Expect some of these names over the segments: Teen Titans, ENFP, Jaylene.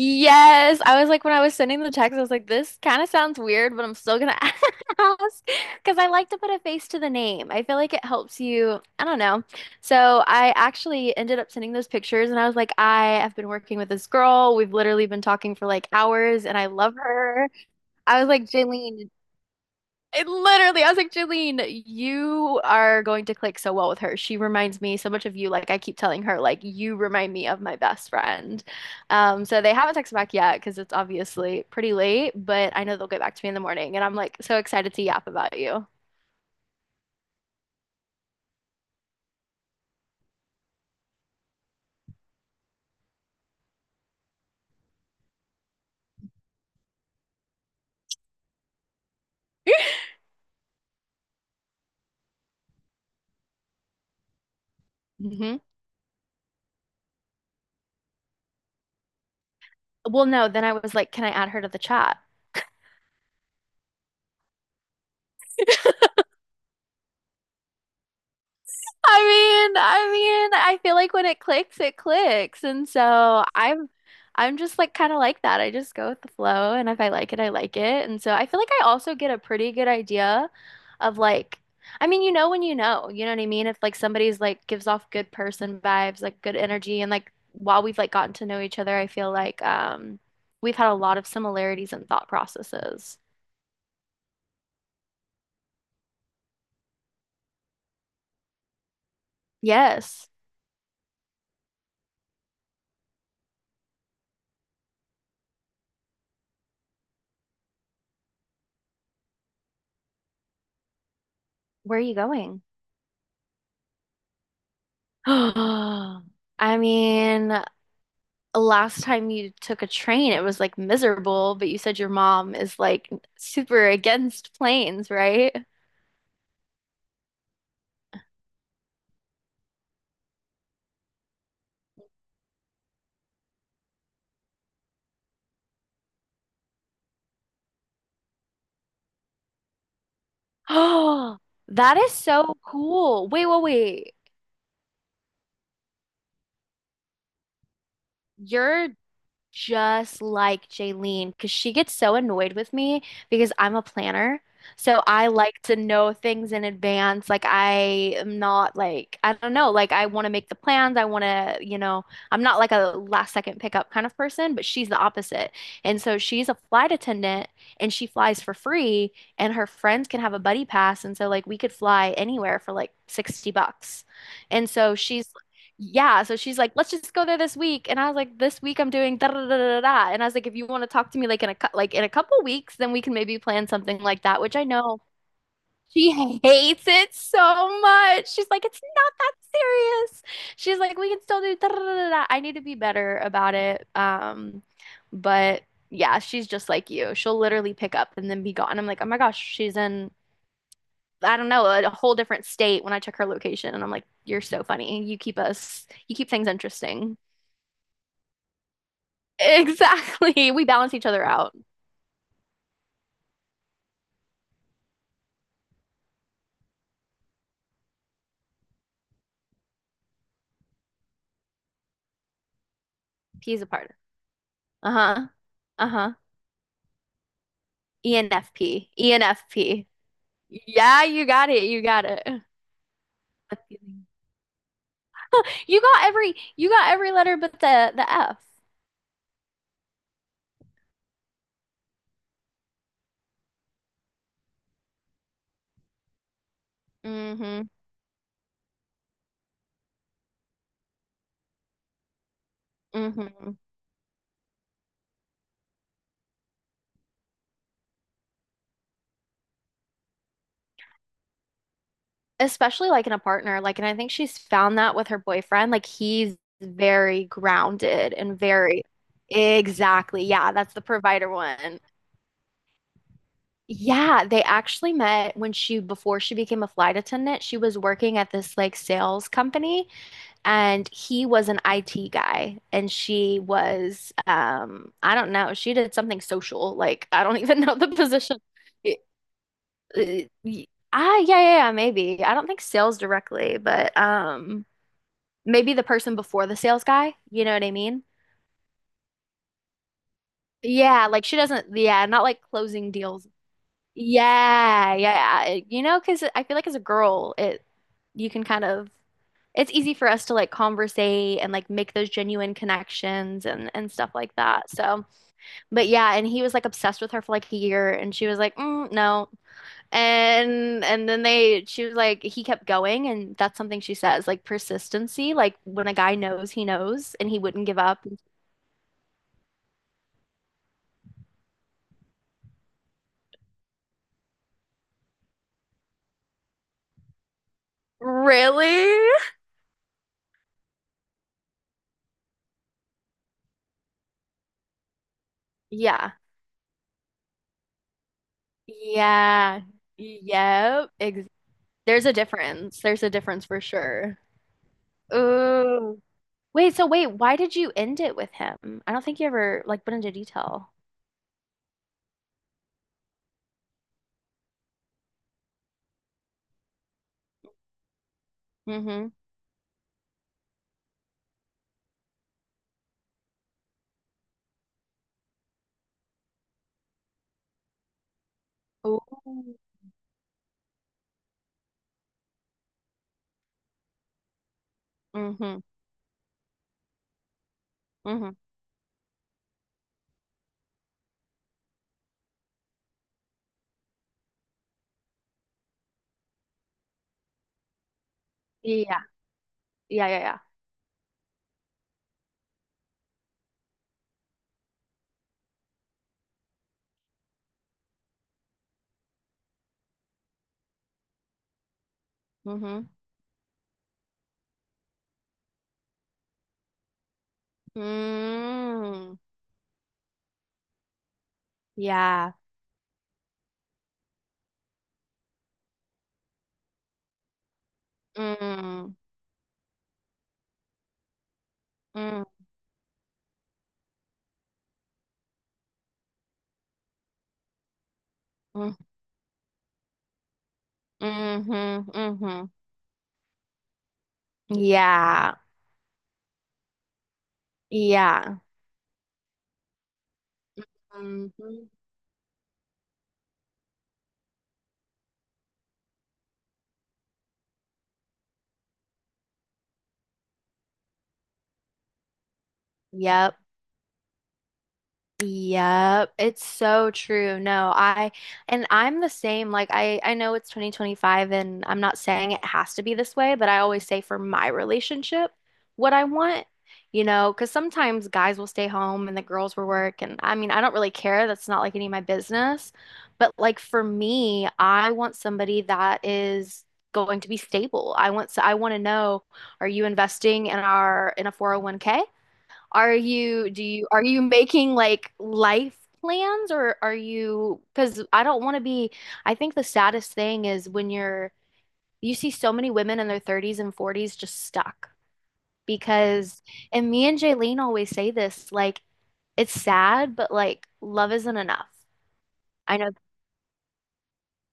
Yes, I was like when I was sending the text, I was like, this kind of sounds weird, but I'm still gonna ask because I like to put a face to the name. I feel like it helps you. I don't know. So I actually ended up sending those pictures, and I was like, I have been working with this girl. We've literally been talking for like hours, and I love her. I was like, Jaylene, I was like, Jalene, you are going to click so well with her. She reminds me so much of you. Like I keep telling her, like you remind me of my best friend. So they haven't texted back yet because it's obviously pretty late, but I know they'll get back to me in the morning, and I'm like so excited to yap about you. Hmm. Well, no, then I was like, can I add her to the chat? I I mean, I feel like when it clicks, it clicks. And so I'm just like kind of like that. I just go with the flow and if I like it, I like it. And so I feel like I also get a pretty good idea of like you know when you know what I mean? If like somebody's like gives off good person vibes, like good energy and like while we've like gotten to know each other, I feel like we've had a lot of similarities and thought processes. Yes. Where are you going? I mean, last time you took a train, it was like miserable, but you said your mom is like super against planes, right? Oh, that is so cool. Wait, wait, wait. Your just like Jaylene because she gets so annoyed with me because I'm a planner. So I like to know things in advance. Like, I don't know, like I want to make the plans. I want to, you know, I'm not like a last second pickup kind of person, but she's the opposite. And so she's a flight attendant and she flies for free and her friends can have a buddy pass and so like we could fly anywhere for like 60 bucks. And so she's Yeah, so she's like, let's just go there this week. And I was like, this week I'm doing da da da da da. And I was like, if you want to talk to me like in a couple weeks, then we can maybe plan something like that, which I know she hates it so much. She's like, it's not that serious. She's like, we can still do da da da da da. I need to be better about it. But yeah, she's just like you. She'll literally pick up and then be gone. I'm like, oh my gosh, she's in I don't know, a whole different state when I took her location. And I'm like, you're so funny. You keep things interesting. Exactly. We balance each other out. P is a partner. Uh-huh. Uh-huh. ENFP. ENFP. Yeah, you got it. You got it. You got every letter but the F. Mm-hmm. Mm-hmm. Especially like in a partner, like, and I think she's found that with her boyfriend, like he's very grounded and very exactly, yeah, that's the provider one. Yeah, they actually met when she before she became a flight attendant, she was working at this like sales company and he was an IT guy and she was I don't know, she did something social, like I don't even know the position. Y- y- yeah, yeah, yeah, maybe. I don't think sales directly, but maybe the person before the sales guy, you know what I mean? Yeah, like she doesn't, yeah, not like closing deals. Yeah, yeah, you know, because I feel like as a girl, it you can kind of, it's easy for us to like conversate and like make those genuine connections and stuff like that. So, but yeah, and he was like obsessed with her for like a year, and she was like, mm, no, and then they she was like he kept going, and that's something she says like persistency, like when a guy knows, he knows, and he wouldn't give up. Really? Yeah. Yeah. Yep. Ex There's a difference. There's a difference for sure. Ooh. Wait, so wait, why did you end it with him? I don't think you ever like went into detail. Mm-hmm. Ooh. Mm-hmm. Mm-hmm. Yeah. Yeah, yeah, yeah. Mm-hmm. Mm. Yeah. Mm. Mm. Mm. Mm-hmm. Mm-hmm. Yeah. Yeah. Mm-hmm. Yep. Yep, it's so true. No, I and I'm the same. Like, I know it's 2025 and I'm not saying it has to be this way, but I always say for my relationship what I want, you know, because sometimes guys will stay home and the girls will work and I mean, I don't really care. That's not like any of my business. But like for me, I want somebody that is going to be stable. I want to know, are you investing in a 401k? Are you making like life plans or are you, because I don't want to be, I think the saddest thing is you see so many women in their 30s and 40s just stuck because, and me and Jaylene always say this, like, it's sad, but like, love isn't enough. I know,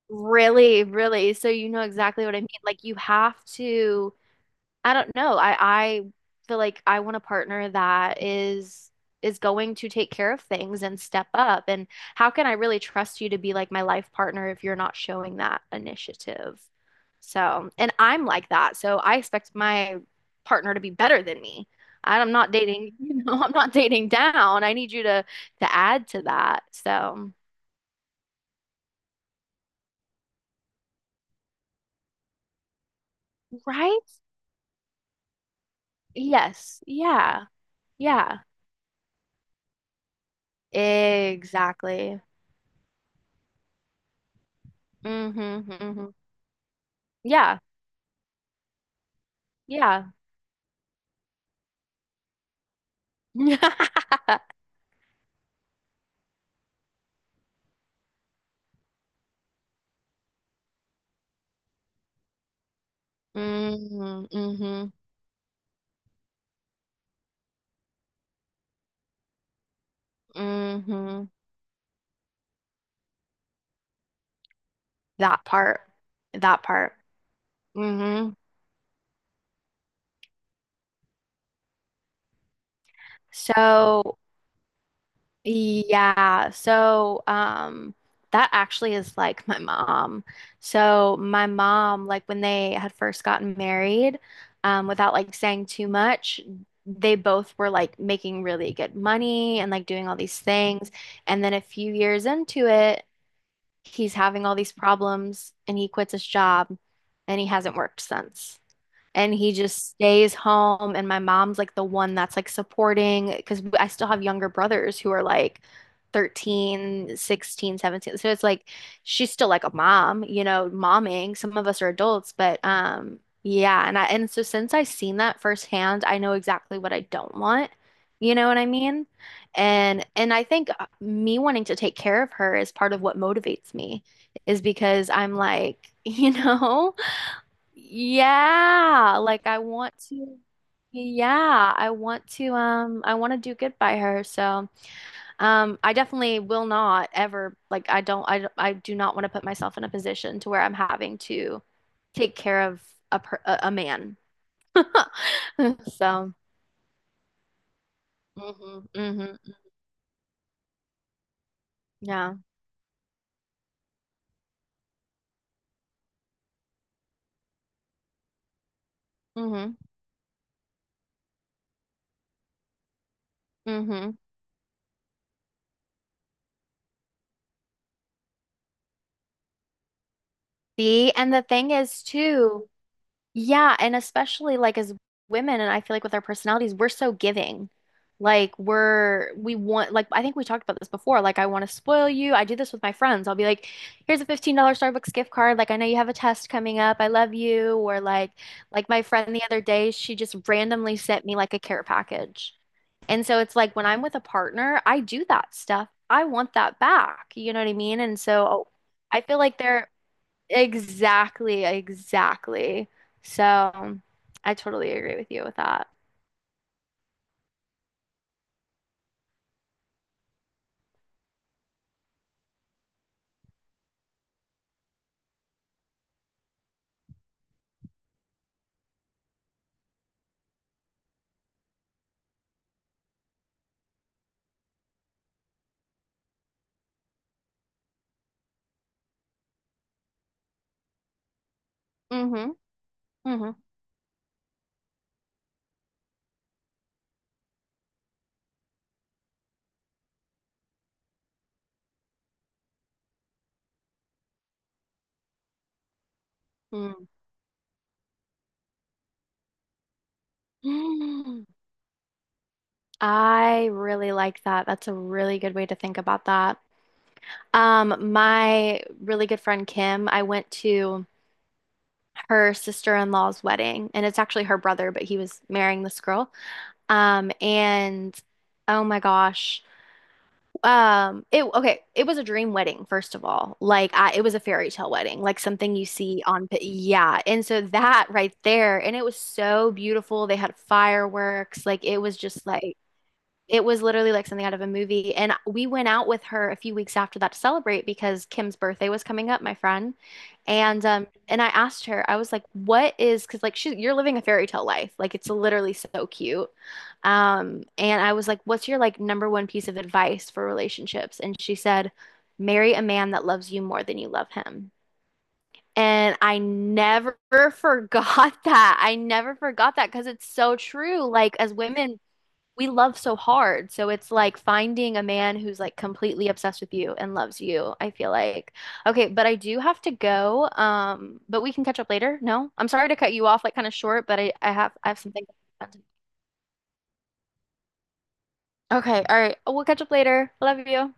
really, really. So you know exactly what I mean. Like, you have to, I don't know. I feel like I want a partner that is going to take care of things and step up. And how can I really trust you to be like my life partner if you're not showing that initiative? So, and I'm like that. So I expect my partner to be better than me. I'm not dating, you know, I'm not dating down. I need you to add to that. So, right? Yes. Yeah. Yeah. Exactly. Hmm. Hmm. Yeah. Yeah. Mm-hmm, mm-hmm, mm-hmm. That part, that part. Mm-hmm. So, yeah, so that actually is like my mom. So my mom, like when they had first gotten married, without like saying too much, they both were like making really good money and like doing all these things. And then a few years into it, he's having all these problems and he quits his job and he hasn't worked since and he just stays home and my mom's like the one that's like supporting because I still have younger brothers who are like 13, 16, 17. So it's like she's still like a mom, you know, momming. Some of us are adults, but yeah, and so since I've seen that firsthand, I know exactly what I don't want. You know what I mean? And I think me wanting to take care of her is part of what motivates me is because I'm like, you know, yeah, like I want to yeah, I want to do good by her. So, I definitely will not ever like I do not want to put myself in a position to where I'm having to take care of a man. So, mhm, mhm. Yeah. Mhm, mhm. See, and the thing is too, yeah, and especially like as women, and I feel like with our personalities, we're so giving. We want, like I think we talked about this before. Like I want to spoil you. I do this with my friends. I'll be like, here's a $15 Starbucks gift card. Like I know you have a test coming up. I love you. Or like my friend the other day, she just randomly sent me like a care package. And so it's like when I'm with a partner, I do that stuff. I want that back. You know what I mean? And so I feel like there Exactly, exactly. So I totally agree with you with that. Mm-hmm. Mm-hmm. Mm. I really like that. That's a really good way to think about that. My really good friend Kim, I went to her sister-in-law's wedding, and it's actually her brother, but he was marrying this girl. And oh my gosh. It okay, it was a dream wedding, first of all. Like I it was a fairy tale wedding, like something you see on yeah. And so that right there, and it was so beautiful. They had fireworks, like it was just like it was literally like something out of a movie. And we went out with her a few weeks after that to celebrate because Kim's birthday was coming up, my friend. And I asked her, I was like, "What is?" Because like she, you're living a fairy tale life. Like it's literally so cute. And I was like, "What's your like number one piece of advice for relationships?" And she said, "Marry a man that loves you more than you love him." And I never forgot that. I never forgot that because it's so true. Like, as women, we love so hard. So it's like finding a man who's like completely obsessed with you and loves you, I feel like. Okay, but I do have to go. But we can catch up later. No, I'm sorry to cut you off like kind of short, but I have something. Okay, all right. We'll catch up later. Love you.